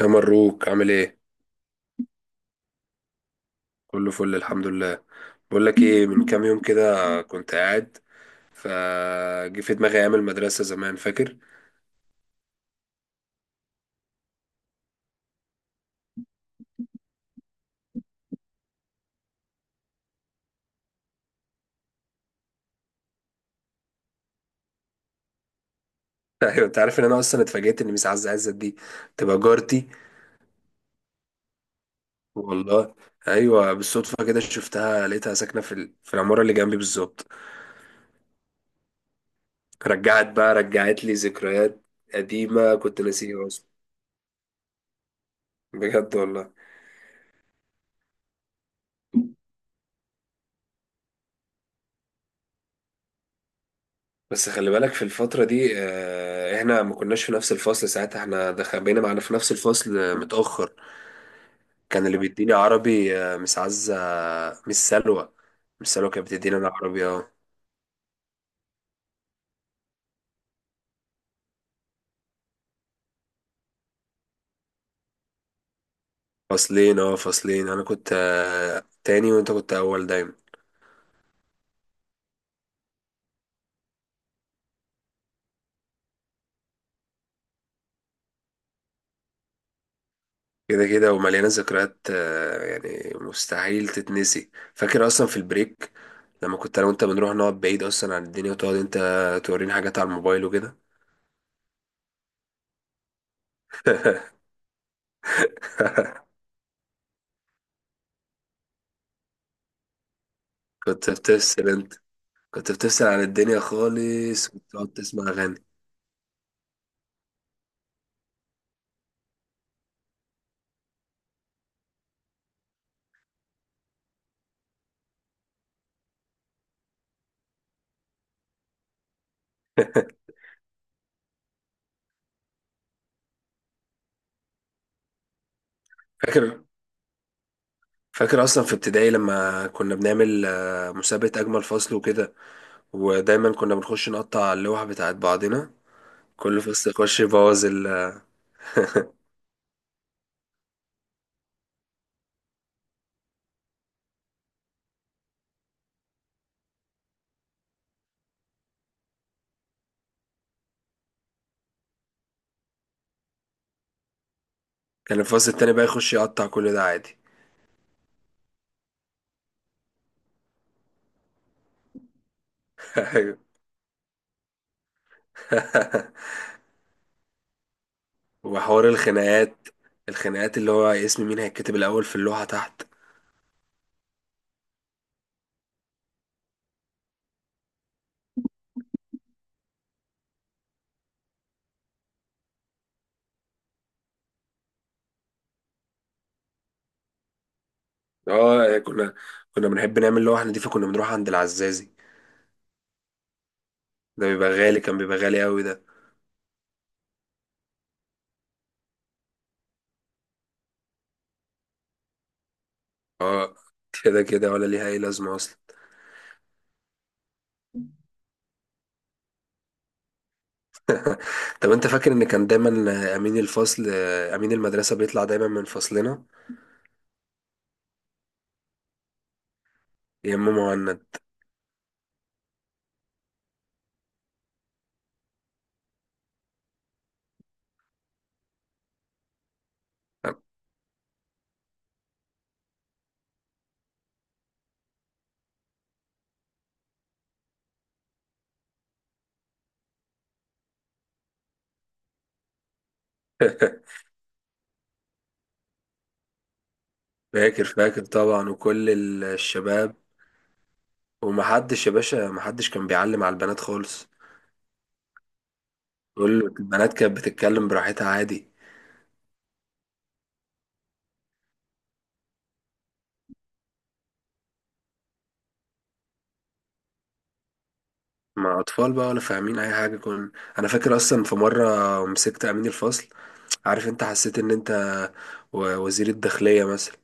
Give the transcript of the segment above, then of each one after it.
يا مروك، عامل ايه؟ كله فل، الحمد لله. بقول لك ايه، من كام يوم كده كنت قاعد، فجه في دماغي ايام المدرسه زمان، فاكر؟ ايوه، انت عارف ان انا اصلا اتفاجئت ان ميس عزه عزت دي تبقى جارتي. والله. ايوه بالصدفه كده شفتها، لقيتها ساكنه في العماره اللي جنبي بالظبط. رجعت لي ذكريات قديمه كنت ناسيها اصلا. بجد والله. بس خلي بالك في الفترة دي، احنا ما كناش في نفس الفصل ساعتها، احنا دخل بقينا معانا في نفس الفصل متأخر. كان اللي بيديني عربي مس عزة، مس سلوى. مس سلوى كانت بتديني انا عربي، اه. فصلين، انا كنت تاني وانت كنت اول دايما. كده كده ومليانة ذكريات، يعني مستحيل تتنسي. فاكر اصلا في البريك لما كنت انا وانت بنروح نقعد بعيد اصلا عن الدنيا، وتقعد انت توريني حاجات على الموبايل وكده. كنت بتفصل انت كنت بتفصل عن الدنيا خالص، وتقعد تسمع اغاني. فاكر فاكر اصلا في ابتدائي لما كنا بنعمل مسابقة اجمل فصل وكده، ودايما كنا بنخش نقطع اللوح بتاعت بعضنا. كل فصل يخش يبوظ. كان الفصل التاني بقى يخش يقطع كل ده عادي. ايوه. وحوار الخناقات اللي هو اسم مين هيتكتب الاول في اللوحة تحت. اه، كنا بنحب نعمل لوحة نضيفة، كنا بنروح عند العزازي. ده بيبقى غالي، كان بيبقى غالي قوي ده. اه. كده كده ولا ليها اي لازمة اصلا. طب انت فاكر ان كان دايما امين الفصل، امين المدرسه بيطلع دايما من فصلنا؟ يا اما مهند. فاكر طبعا، وكل الشباب. ومحدش يا باشا، محدش كان بيعلم على البنات خالص. كل البنات كانت بتتكلم براحتها عادي. مع اطفال بقى، ولا فاهمين اي حاجه. انا فاكر اصلا في مره مسكت امين الفصل. عارف انت حسيت ان انت وزير الداخليه مثلا.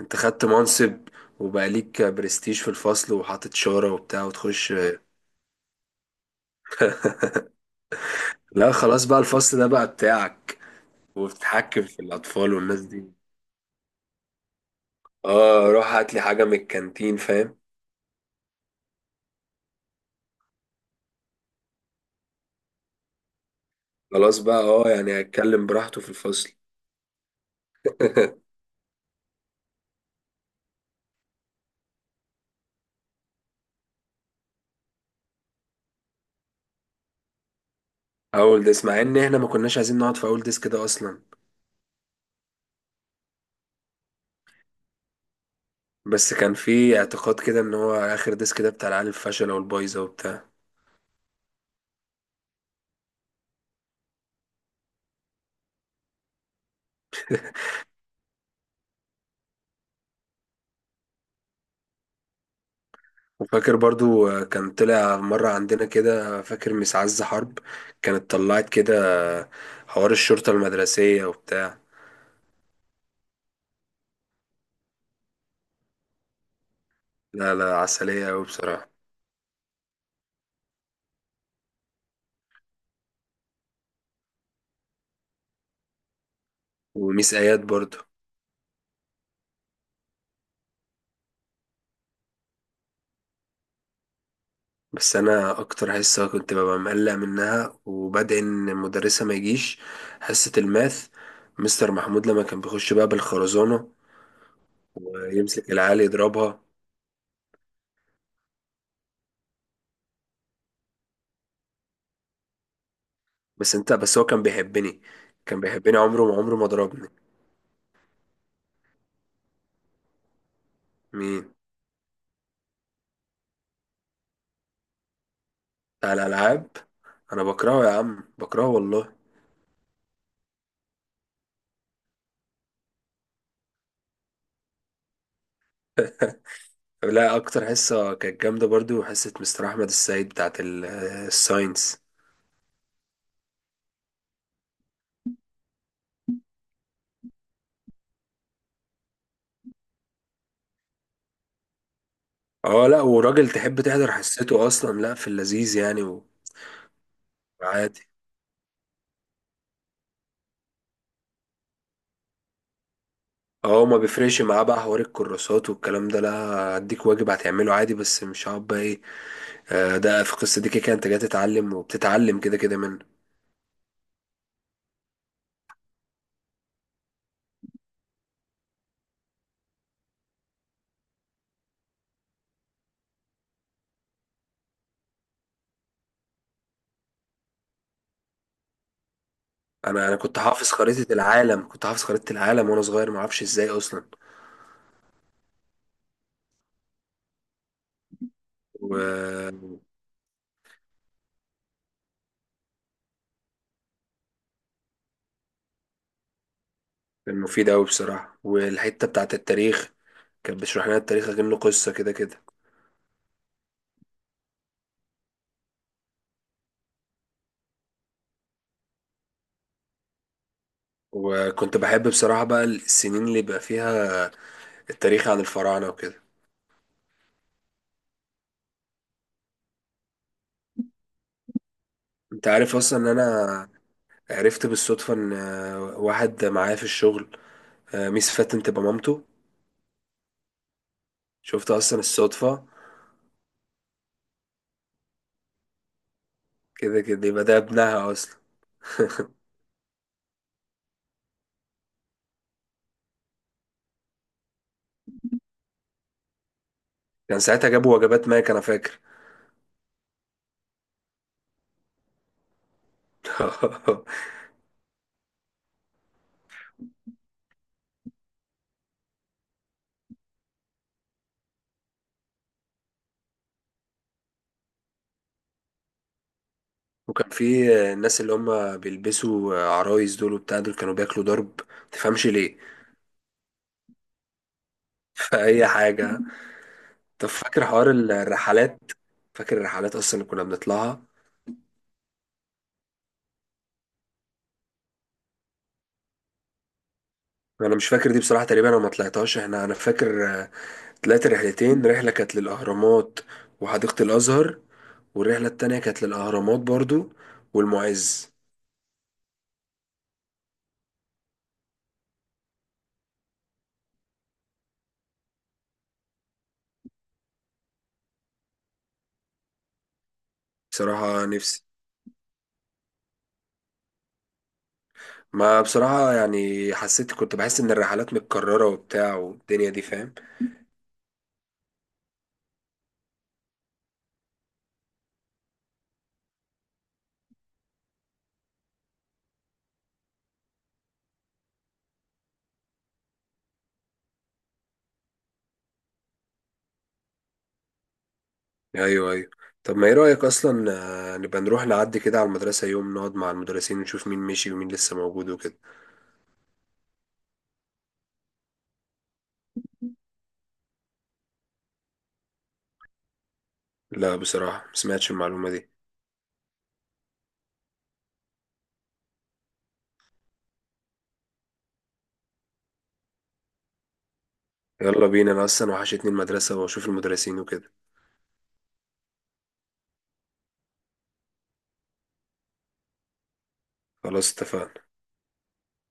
انت خدت منصب وبقى ليك برستيج في الفصل، وحاطط شارة وبتاع وتخش. لا خلاص، بقى الفصل ده بقى بتاعك، وبتتحكم في الأطفال والناس دي. اه، روح هات لي حاجة من الكانتين، فاهم. خلاص بقى، يعني هيتكلم براحته في الفصل. أول ديسك، مع إن إحنا ما كناش عايزين نقعد في أول ديسك ده أصلا. بس كان في اعتقاد كده إن هو آخر ديسك ده بتاع العيال الفاشلة والبايظة وبتاع. وفاكر برضو، كان طلع مرة عندنا كده، فاكر مس عز حرب كانت طلعت كده، آه، حوار الشرطة المدرسية وبتاع. لا لا، عسلية أوي بصراحة. وميس آيات برضو. بس انا اكتر حصه كنت ببقى مقلق منها وبدعي ان المدرسه ما يجيش، حصه الماث. مستر محمود لما كان بيخش بقى بالخرزانه، يمسك العيال يضربها. بس هو كان بيحبني، كان بيحبني، عمره ما ضربني. مين؟ بتاع الالعاب. انا بكرهه يا عم، بكرهه والله. لا، اكتر حصه كانت جامده برضو حصه مستر احمد السيد، بتاعت الساينس. اه، لا وراجل تحب تحضر حصته اصلا، لا في اللذيذ يعني. وعادي. اه، ما بيفرقش معاه بقى حوار الكراسات والكلام ده، لا. هديك واجب هتعمله عادي، بس مش هقعد بقى ايه. ده في القصه دي كده كده انت جاي تتعلم، وبتتعلم كده كده منه. انا كنت حافظ خريطه العالم، كنت حافظ خريطه العالم وانا صغير، ما اعرفش ازاي اصلا. وكان مفيد قوي بصراحه، والحته بتاعه التاريخ كانت بتشرح لنا التاريخ كأنه قصه كده كده. وكنت بحب بصراحه بقى السنين اللي بقى فيها التاريخ عن الفراعنه وكده. انت عارف اصلا ان انا عرفت بالصدفه ان واحد معايا في الشغل، ميس فاتن تبقى مامته. شفتها اصلا الصدفة. كده كده يبقى ده ابنها اصلا. كان ساعتها جابوا وجبات ماك، انا فاكر. وكان في الناس اللي هم بيلبسوا عرايس، دول وبتاع دول كانوا بياكلوا ضرب، متفهمش ليه. في اي حاجة. طب فاكر حوار الرحلات؟ فاكر الرحلات اصلا اللي كنا بنطلعها. انا مش فاكر دي بصراحة، تقريبا انا ما طلعتهاش. احنا انا فاكر، طلعت رحلتين، رحلة كانت للاهرامات وحديقة الازهر، والرحلة التانية كانت للأهرامات برضو والمعز. بصراحة نفسي. ما بصراحة يعني، كنت بحس إن الرحلات متكررة وبتاع والدنيا دي، فاهم. أيوه أيوه. طب ما إيه رأيك أصلا، نبقى نروح نعدي كده على المدرسة يوم، نقعد مع المدرسين ونشوف مين مشي ومين لسه موجود وكده. لا بصراحة، مسمعتش المعلومة دي. يلا بينا، أنا أصلا وحشتني المدرسة وأشوف المدرسين وكده. خلاص اتفقنا.